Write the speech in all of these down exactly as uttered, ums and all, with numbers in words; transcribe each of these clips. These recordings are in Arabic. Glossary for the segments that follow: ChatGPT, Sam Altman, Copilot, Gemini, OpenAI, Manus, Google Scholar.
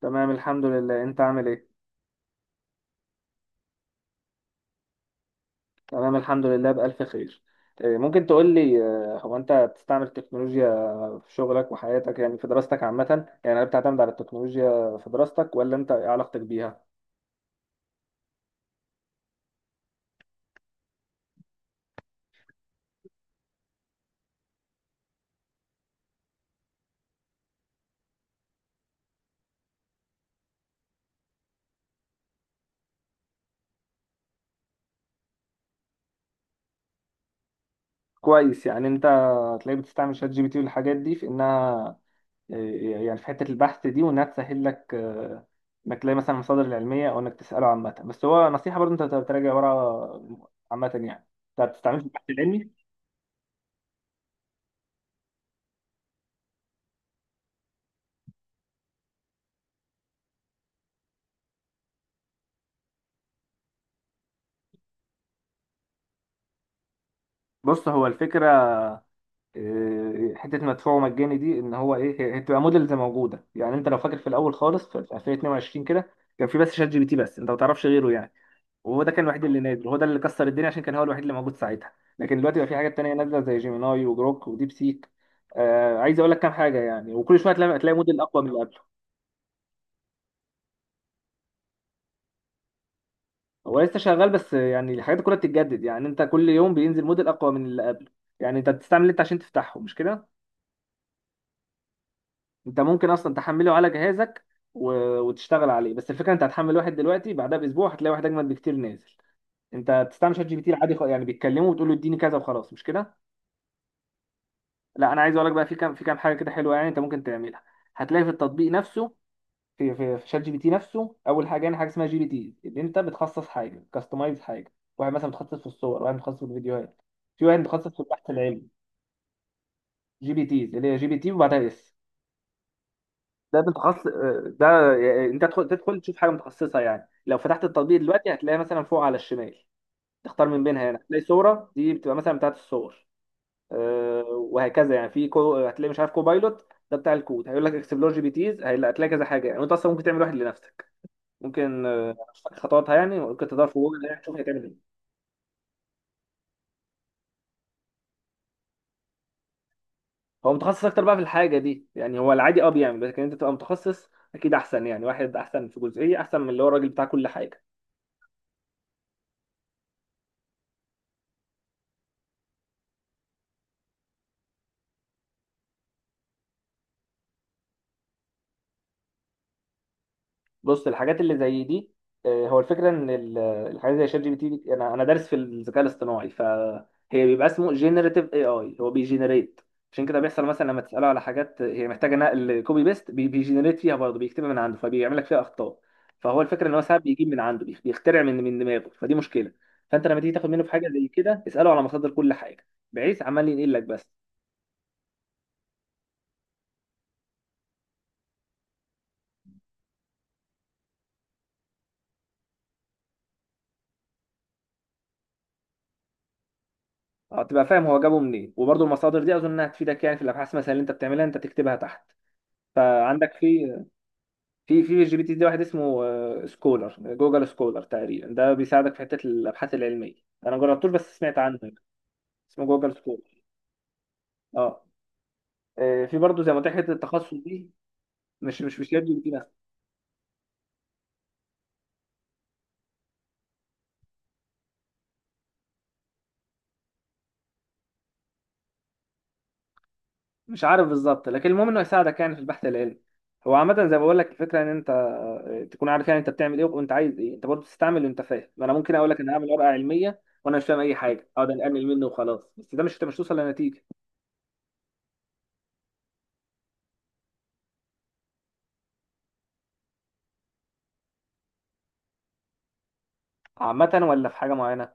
تمام الحمد لله، انت عامل ايه؟ تمام الحمد لله بألف خير. إيه، ممكن تقول لي، آه، هو انت بتستعمل التكنولوجيا في شغلك وحياتك، يعني في دراستك عامة؟ يعني هل بتعتمد على التكنولوجيا في دراستك، ولا انت ايه علاقتك بيها؟ كويس. يعني انت هتلاقيك بتستعمل شات جي بي تي والحاجات دي في انها، إيه، يعني في حتة البحث دي، وانها تسهل لك، آه، انك تلاقي مثلا المصادر العلمية، او انك تسأله عامة، بس هو نصيحة برضه انت تراجع ورا عامة يعني. انت ما بتستعملش البحث العلمي. بص، هو الفكرة آه، حته مدفوع ومجاني دي، ان هو ايه، هي هي بتبقى موديلز موجوده. يعني انت لو فاكر في الاول خالص في ألفين اثنين كده، كان في بس شات جي بي تي، بس انت ما تعرفش غيره يعني، وهو ده كان الوحيد اللي نازل، هو ده اللي كسر الدنيا عشان كان هو الوحيد اللي موجود ساعتها. لكن دلوقتي بقى في حاجات تانية نازله زي جيميناي وجروك وديب سيك. آه، عايز اقول لك كام حاجه يعني، وكل شويه تلاقي تلاقي موديل اقوى من اللي قبله. هو لسه شغال، بس يعني الحاجات دي كلها بتتجدد، يعني انت كل يوم بينزل موديل اقوى من اللي قبله. يعني انت بتستعمل اللي انت عشان تفتحه، مش كده؟ انت ممكن اصلا تحمله على جهازك و... وتشتغل عليه، بس الفكره انت هتحمل واحد دلوقتي بعدها باسبوع هتلاقي واحد اجمد بكتير نازل. انت بتستعمل شات جي بي تي العادي، خ- يعني بتكلمه وتقول له اديني كذا وخلاص، مش كده؟ لا انا عايز اقول لك بقى في كام، في كام حاجه كده حلوه يعني انت ممكن تعملها. هتلاقي في التطبيق نفسه، في في, في شات جي بي تي نفسه، اول حاجه يعني حاجه اسمها جي بي تي، اللي انت بتخصص حاجه، كاستمايز حاجه. واحد مثلا متخصص في الصور، واحد متخصص في الفيديوهات، في واحد متخصص في البحث العلمي. جي بي تيز، اللي هي جي بي تي وبعدها اس، ده متخصص. آه، ده يعني انت تدخل تدخل تشوف حاجه متخصصه، يعني لو فتحت التطبيق دلوقتي هتلاقي مثلا فوق على الشمال، تختار من بينها. هنا هتلاقي صوره، دي بتبقى مثلا بتاعت الصور، آه، وهكذا يعني. في كو... هتلاقي مش عارف كوبايلوت ده بتاع الكود، هيقول لك اكسبلور جي بي تيز، هتلاقي كذا حاجه يعني، وانت اصلا ممكن تعمل واحد لنفسك. ممكن، آه، مش فاكر خطواتها يعني، ممكن تدور في جوجل يعني تشوف هتعمل ايه. هو متخصص اكتر بقى في الحاجه دي، يعني هو العادي اه بيعمل، لكن انت تبقى متخصص اكيد احسن، يعني واحد احسن في جزئيه احسن من اللي هو الراجل بتاع كل حاجه. بص، الحاجات اللي زي دي، آه، هو الفكره ان ال- الحاجات زي شات جي بي تي دي- انا انا دارس في الذكاء الاصطناعي، فهي بيبقى اسمه جينيريتيف اي اي، هو بيجينيريت. عشان كده بيحصل مثلا لما تساله على حاجات هي محتاجه نقل كوبي بيست، بيجينيريت فيها برضه، بيكتبها من عنده، فبيعمل لك فيها اخطاء. فهو الفكره ان هو ساعات بيجيب من عنده، بيخ- بيخترع من من دماغه، فدي مشكله. فانت لما تيجي تاخد منه في حاجه زي كده، اساله على مصادر كل حاجه، بحيث عمال ينقل لك بس. اه، تبقى فاهم هو جابه منين، وبرضه المصادر دي اظن انها تفيدك يعني في الابحاث مثلا اللي انت بتعملها، انت تكتبها تحت. فعندك في في في جي بي تي ده واحد اسمه، آه، سكولر، جوجل سكولر تقريبا، ده بيساعدك في حته الابحاث العلميه. انا جربتوش بس سمعت عنه يعني. اسمه جوجل سكولر، اه. آه، في برضه زي ما قلت لك حته التخصص دي، مش مش مش جي بي تي بس. مش عارف بالظبط، لكن المهم انه يساعدك يعني في البحث العلمي. هو عامة زي ما بقول لك، الفكرة إن أنت آه، تكون عارف يعني أنت بتعمل إيه وأنت عايز إيه، أنت برضه تستعمل اللي أنت فاهم. ما أنا ممكن أقول لك أنا هعمل ورقة علمية وأنا مش فاهم أي حاجة، أقعد أنقل منه وخلاص، بس ده مش مش توصل لنتيجة. عامة، ولا في حاجة معينة؟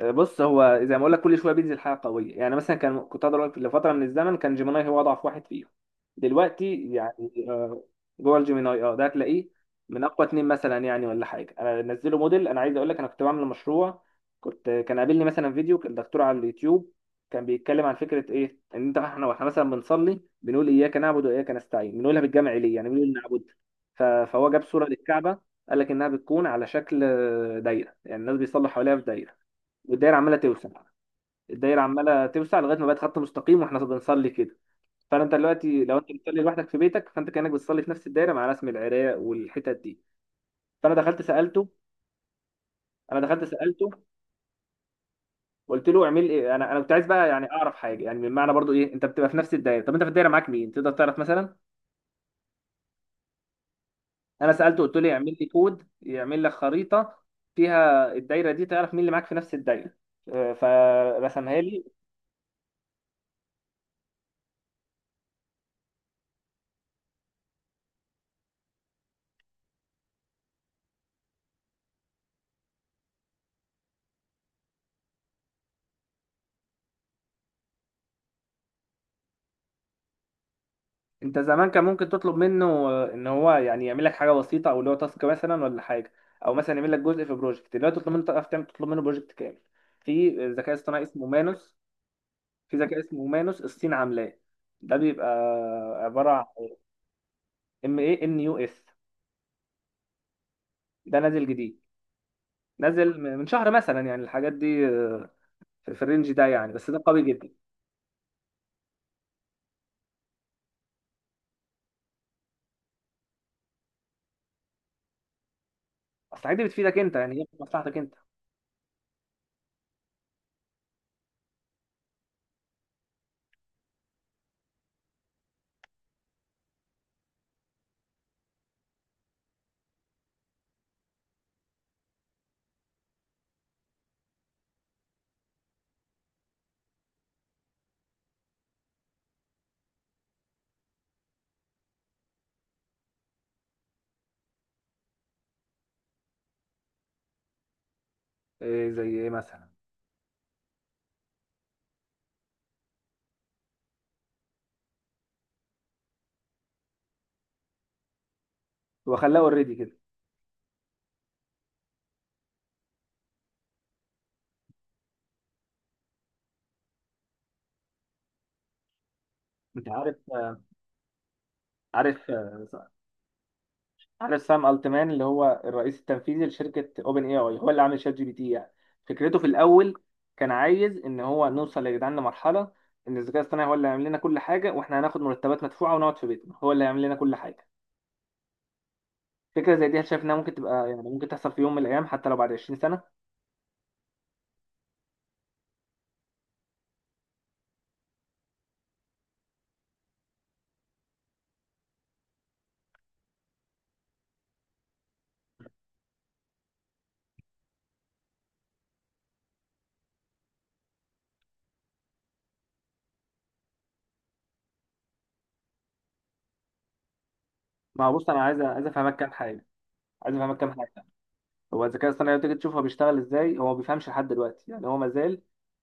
آه، بص هو زي ما اقول لك، كل شويه بينزل حاجه قويه، يعني مثلا كان كنت اقدر اقول لك لفتره من الزمن كان جيميناي هو اضعف واحد فيهم، دلوقتي يعني، آه، جوه الجيميناي اه، ده هتلاقيه من اقوى اتنين مثلا، يعني ولا حاجه، انا نزله موديل. انا عايز اقول لك، انا كنت بعمل مشروع، كنت كان قابلني مثلا فيديو، كان دكتور على اليوتيوب كان بيتكلم عن فكره، ايه ان انت، احنا واحنا مثلا بنصلي بنقول اياك نعبد واياك نستعين، بنقولها بالجمع ليه؟ يعني بنقول نعبد. ف- فهو جاب صوره للكعبه، قال لك انها بتكون على شكل آه، دايره، يعني الناس بيصلوا حواليها في دايره، والدايره عماله توسع. الدايره عماله توسع لغايه ما بقت خط مستقيم، واحنا بنصلي كده. فانت دلوقتي لو انت بتصلي لوحدك في بيتك، فانت كانك بتصلي في نفس الدايره مع رسم العراق والحتت دي. فانا دخلت سالته، انا دخلت سالته، قلت له اعمل ايه، انا انا كنت عايز بقى يعني اعرف حاجه، يعني من معنى برضو ايه انت بتبقى في نفس الدايره، طب انت في الدايره معاك مين، تقدر تعرف مثلا. انا سالته قلت له اعمل لي كود يعمل لك خريطه، فيها الدايره دي تعرف مين اللي معاك في نفس الدايره. آه، فرسمها لي. انت زمان كان ممكن تطلب منه، آه، ان هو يعني يعمل لك حاجه بسيطه، او اللي هو تاسك مثلا ولا حاجه، او مثلا يعمل لك جزء في بروجكت. دلوقتي تطلب منه، تعرف تعمل، تطلب منه بروجكت كامل. في ذكاء اصطناعي اسمه مانوس، في ذكاء اسمه مانوس الصين عاملاه. ده بيبقى عباره عن ام اي ان يو اس. ده نازل جديد، نازل من من شهر مثلا، يعني الحاجات دي آه، في في الرينج ده يعني، بس ده قوي جدا. اصل الحاجات دي بتفيدك انت يعني، هي في مصلحتك انت. إيه زي ايه مثلا؟ هو خلاه اوريدي كده. انت عارف، آه، عارف، آه، عارف سام التمان، اللي هو الرئيس التنفيذي لشركه اوبن اي اي، هو اللي عامل شات جي بي تي يعني. فكرته في الاول كان عايز ان هو نوصل يا جدعان لمرحله ان الذكاء الاصطناعي هو اللي هيعمل لنا كل حاجه، واحنا هناخد مرتبات مدفوعه ونقعد في بيتنا، هو اللي هيعمل لنا كل حاجه. فكره زي دي، هل شايف انها ممكن تبقى يعني، ممكن تحصل في يوم من الايام حتى لو بعد عشرين سنه؟ ما هو بص، انا عايز عايز افهمك كام حاجه، عايز افهمك كام حاجه. هو الذكاء الاصطناعي لما تيجي تشوفه بيشتغل ازاي، هو ما بيفهمش لحد دلوقتي يعني، هو ما زال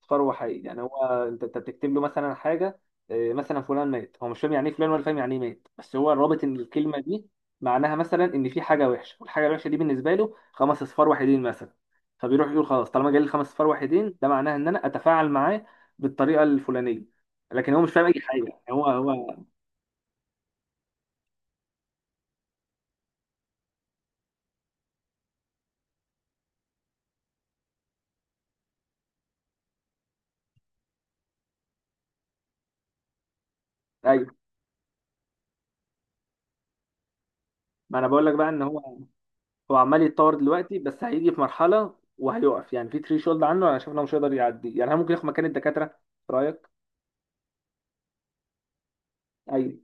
ثروه حي، يعني هو، انت انت بتكتب له مثلا حاجه، آه، مثلا فلان مات، هو مش فاهم يعني ايه فلان، ولا فاهم يعني ايه مات، بس هو رابط ان الكلمه دي معناها مثلا ان في حاجه وحشه، والحاجه الوحشه دي بالنسبه له خمس اصفار وحيدين مثلا، فبيروح يقول خلاص طالما جالي خمس اصفار وحيدين، ده معناها ان انا اتفاعل معاه بالطريقه الفلانيه. لكن هو مش فاهم اي حاجه يعني، هو هو ايوه. ما انا بقول لك بقى ان هو، هو عمال يتطور دلوقتي، بس هيجي في مرحله وهيقف، يعني في ثري شولد عنه، انا شايف انه مش هيقدر يعدي. يعني هل ممكن ياخد مكان الدكاتره في رايك؟ ايوه.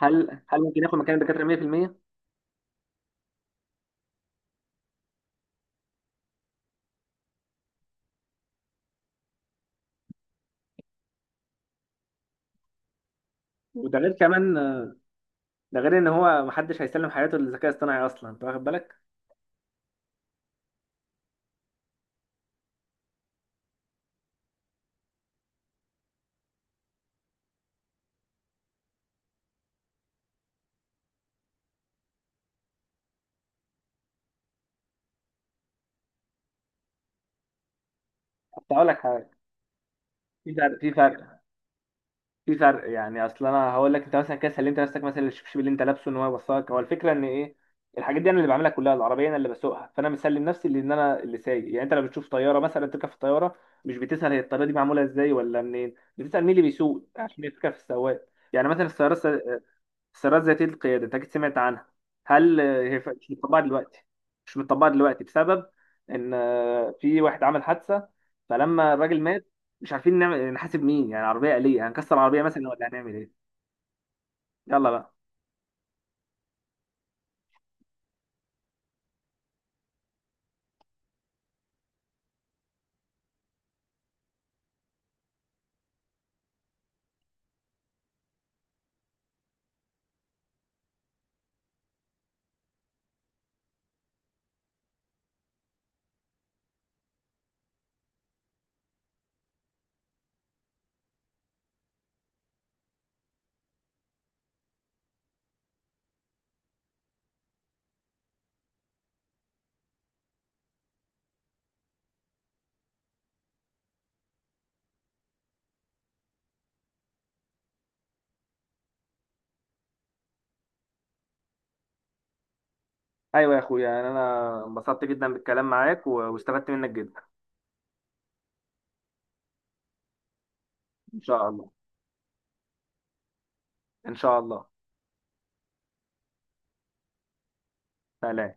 هل هل ممكن ياخد مكان الدكاتره مئة بالمئة؟ وده غير كمان، ده غير ان هو محدش هيسلم حياته للذكاء الاصطناعي اصلا، انت واخد بالك؟ كنت هقول لك حاجه. في فرق في فرق في فرق. يعني اصل انا هقول لك، انت مثلا كده سلمت نفسك مثلا الشبشب اللي انت لابسه ان هو يوصلك. هو الفكره ان ايه، الحاجات دي انا اللي بعملها كلها، العربيه انا اللي بسوقها، فانا مسلم نفسي لان انا اللي سايق يعني. انت لو بتشوف طياره مثلا، تركب في الطياره، مش بتسال هي الطياره دي معموله ازاي ولا منين، بتسال مين اللي بيسوق، عشان يفكر في السواق يعني، مثلا السياره. السيارات ذاتية القيادة أنت أكيد سمعت عنها. هل آه، هي ف- مش متطبقة دلوقتي، مش متطبقة دلوقتي بسبب إن آه، في واحد عمل حادثة، فلما الراجل مات مش عارفين نعمل نحاسب مين، يعني عربية آلية هنكسر العربية مثلا، ولا هنعمل إيه؟ يلا بقى. أيوة يا أخويا، يعني أنا انبسطت جدا بالكلام معاك، و- واستفدت منك جدا. إن شاء الله. إن شاء الله. سلام.